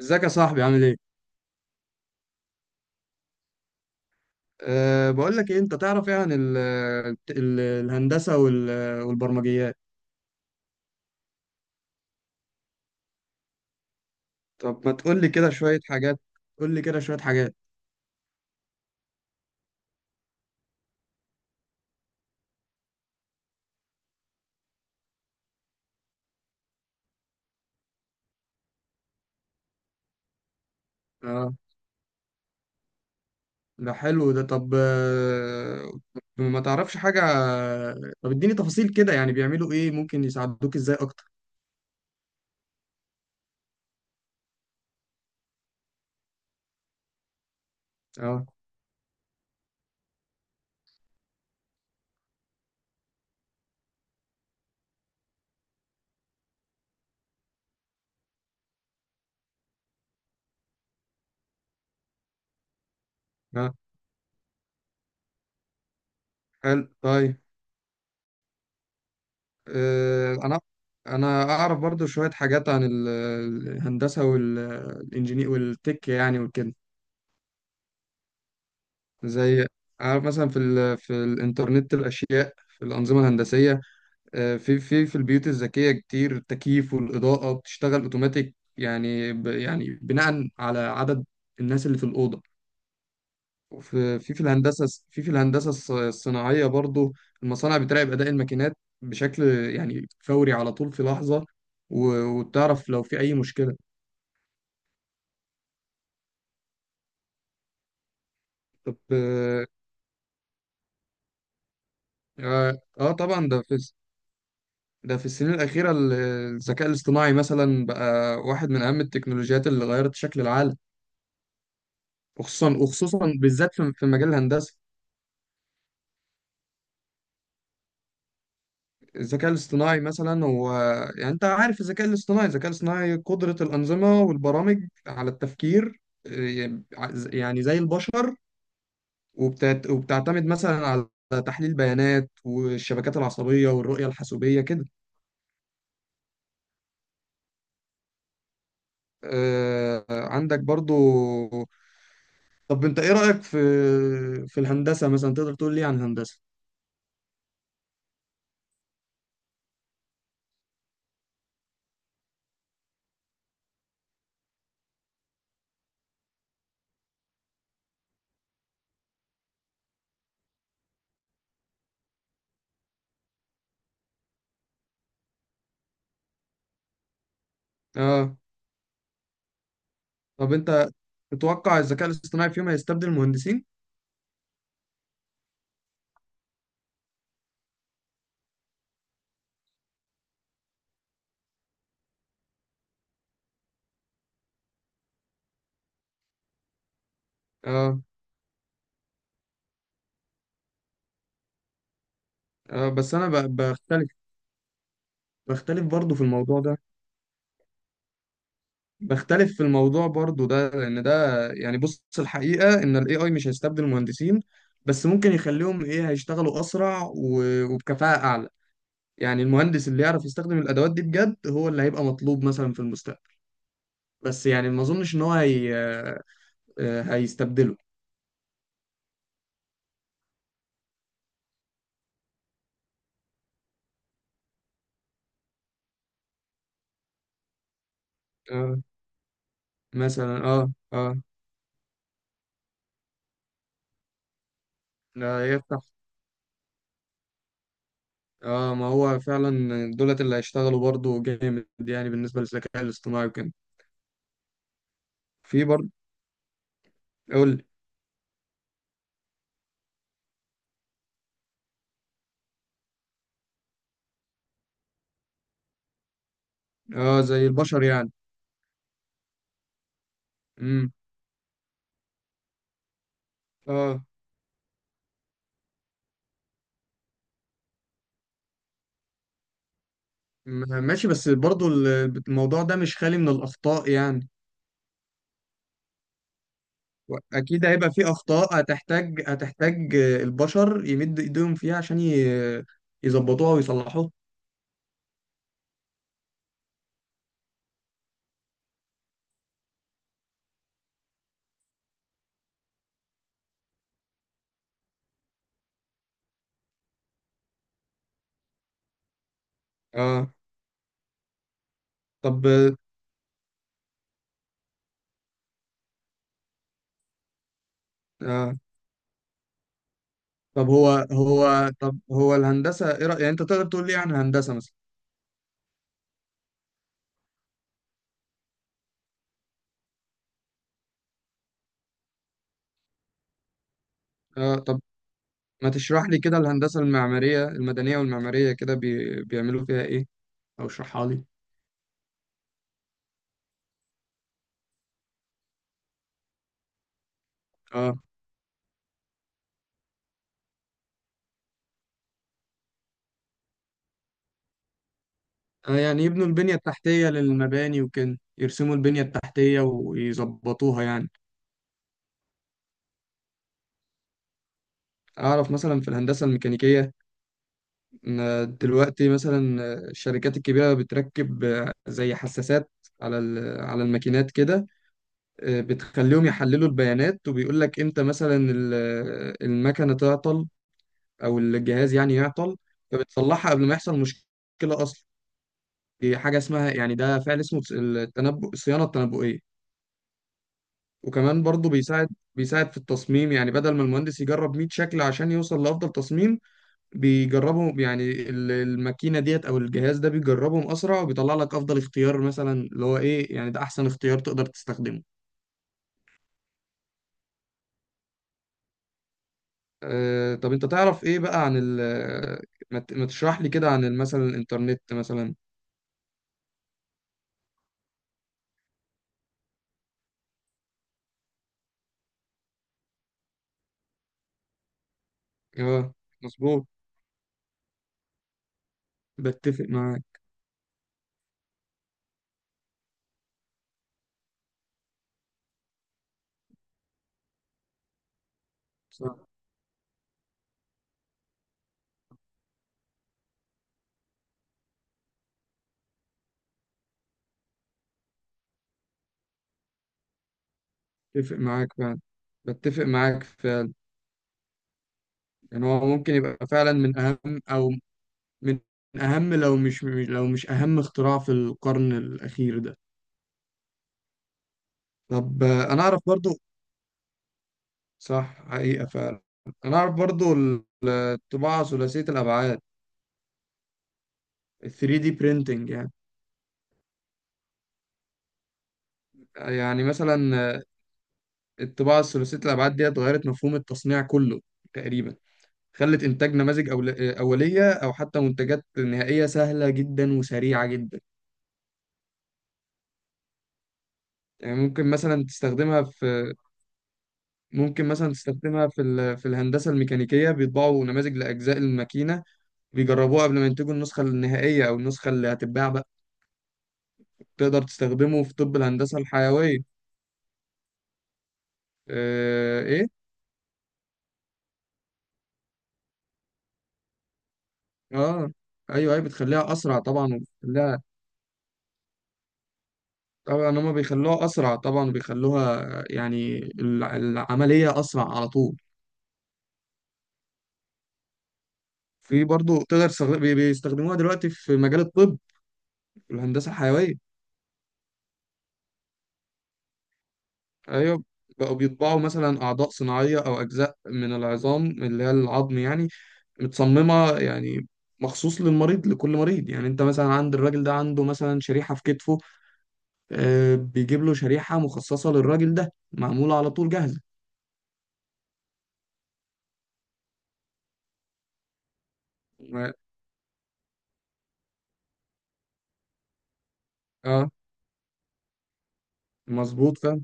ازيك يا صاحبي عامل ايه؟ بقول لك ايه، انت تعرف ايه عن ال الهندسة والبرمجيات؟ طب ما تقول لي كده شوية حاجات. قول لي كده شوية حاجات. اه، ده حلو ده. طب ما تعرفش حاجة. طب اديني تفاصيل كده، يعني بيعملوا ايه، ممكن يساعدوك ازاي اكتر؟ اه اه. حلو طيب. أه انا انا اعرف برضو شوية حاجات عن الهندسة والانجينير والتك يعني وكده. زي، عارف مثلا في في الانترنت الاشياء، في الانظمه الهندسيه. في البيوت الذكيه، كتير التكييف والاضاءه بتشتغل اوتوماتيك، يعني يعني بناء على عدد الناس اللي في الاوضه. وفي في الهندسه، في الهندسه الصناعيه برضو، المصانع بتراقب اداء الماكينات بشكل يعني فوري، على طول في لحظه، وتعرف لو في اي مشكله. طب اه. طبعا ده في، ده في السنين الأخيرة الذكاء الاصطناعي مثلا بقى واحد من أهم التكنولوجيات اللي غيرت شكل العالم. وخصوصا وخصوصا بالذات في مجال الهندسة. الذكاء الاصطناعي مثلا هو، يعني أنت عارف الذكاء الاصطناعي، الذكاء الاصطناعي قدرة الأنظمة والبرامج على التفكير، إيه، يعني زي البشر. وبتعتمد مثلا على تحليل بيانات والشبكات العصبية والرؤية الحاسوبية كده. عندك برضو. طب انت ايه رأيك في، في الهندسة مثلا، تقدر تقول لي عن الهندسة؟ اه، طب انت تتوقع الذكاء الاصطناعي في يوم هيستبدل المهندسين؟ اه اه بس انا بختلف. بختلف برضو في الموضوع ده. بختلف في الموضوع برضو ده، لان ده يعني، بص الحقيقة ان الاي اي مش هيستبدل المهندسين، بس ممكن يخليهم ايه، هيشتغلوا اسرع وبكفاءة اعلى. يعني المهندس اللي يعرف يستخدم الادوات دي بجد هو اللي هيبقى مطلوب مثلا في المستقبل، بس يعني ما اظنش ان هو هيستبدله. مثلا اه اه. لا يفتح. اه، ما هو فعلا، دولت اللي هيشتغلوا برضه جامد يعني بالنسبة للذكاء الاصطناعي وكده. في برضه. قول لي. اه، زي البشر يعني. امم. اه، ماشي، بس برضه الموضوع ده مش خالي من الأخطاء يعني. أكيد هيبقى في أخطاء، هتحتاج هتحتاج البشر يمدوا إيديهم فيها عشان يظبطوها ويصلحوها. اه. طب آه. طب هو الهندسة إيه رأيك، يعني أنت تقدر تقول لي عن هندسة مثلا؟ اه، طب ما تشرح لي كده الهندسة المعمارية المدنية والمعمارية كده بيعملوا فيها إيه، او اشرحها لي. آه. آه، يعني يبنوا البنية التحتية للمباني وكده، يرسموا البنية التحتية ويظبطوها يعني. أعرف مثلا في الهندسة الميكانيكية، إن دلوقتي مثلا الشركات الكبيرة بتركب زي حساسات على على الماكينات كده. بتخليهم يحللوا البيانات، وبيقول لك إمتى مثلا المكنة تعطل أو الجهاز يعني يعطل، فبتصلحها قبل ما يحصل مشكلة أصلا. في حاجة اسمها يعني، ده فعل اسمه التنبؤ، الصيانة التنبؤية. وكمان برضه بيساعد، بيساعد في التصميم. يعني بدل ما المهندس يجرب 100 شكل عشان يوصل لأفضل تصميم بيجربهم يعني، الماكينة ديت أو الجهاز ده بيجربهم أسرع، وبيطلع لك أفضل اختيار، مثلا اللي هو إيه، يعني ده أحسن اختيار تقدر تستخدمه. أه، طب أنت تعرف إيه بقى عن ال، ما تشرح لي كده عن مثلا الإنترنت مثلا. أه، مظبوط. بتفق معاك. صح. بتفق معاك فعلا. بتفق معاك فعلا. يعني هو ممكن يبقى فعلا من أهم، أو من أهم، لو مش لو مش أهم اختراع في القرن الأخير ده. طب أنا أعرف برضو. صح، حقيقة فعلا. أنا أعرف برضو الطباعة ثلاثية الأبعاد، ال 3D printing يعني. يعني مثلا الطباعة الثلاثية الأبعاد دي اتغيرت مفهوم التصنيع كله تقريبا. خلت إنتاج نماذج أولية أو حتى منتجات نهائية سهلة جدا وسريعة جدا. يعني ممكن مثلا تستخدمها في، ممكن مثلا تستخدمها في في الهندسة الميكانيكية، بيطبعوا نماذج لأجزاء الماكينة، بيجربوها قبل ما ينتجوا النسخة النهائية أو النسخة اللي هتتباع بقى. تقدر تستخدمه في، طب الهندسة الحيوية. آه إيه؟ آه، أيوه أيوه، بتخليها أسرع طبعا، وبتخليها، طبعا هما بيخلوها أسرع طبعا، وبيخلوها يعني العملية أسرع على طول. في برضه تقدر تستخدم بيستخدموها دلوقتي في مجال الطب، في الهندسة الحيوية. ايوه، بقوا بيطبعوا مثلا اعضاء صناعيه او اجزاء من العظام اللي هي العظم يعني، متصممه يعني مخصوص للمريض، لكل مريض يعني، انت مثلا عند الراجل ده عنده مثلا شريحه في كتفه، آه بيجيب له شريحه مخصصه للراجل ده، معموله على طول جاهزه. ما- اه، مظبوط فعلا.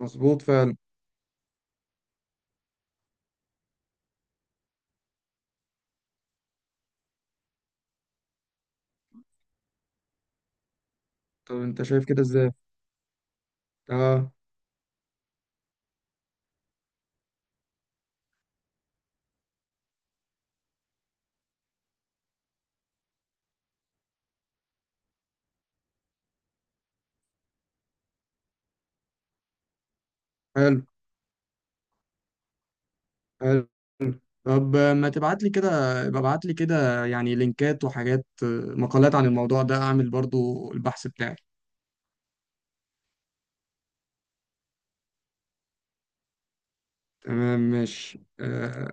مظبوط فعلا. طب انت شايف كده ازاي؟ اه، حلو. حلو. طب ما تبعت لي كده، ابعت لي كده يعني لينكات وحاجات، مقالات عن الموضوع ده، اعمل برضو البحث بتاعي. تمام ماشي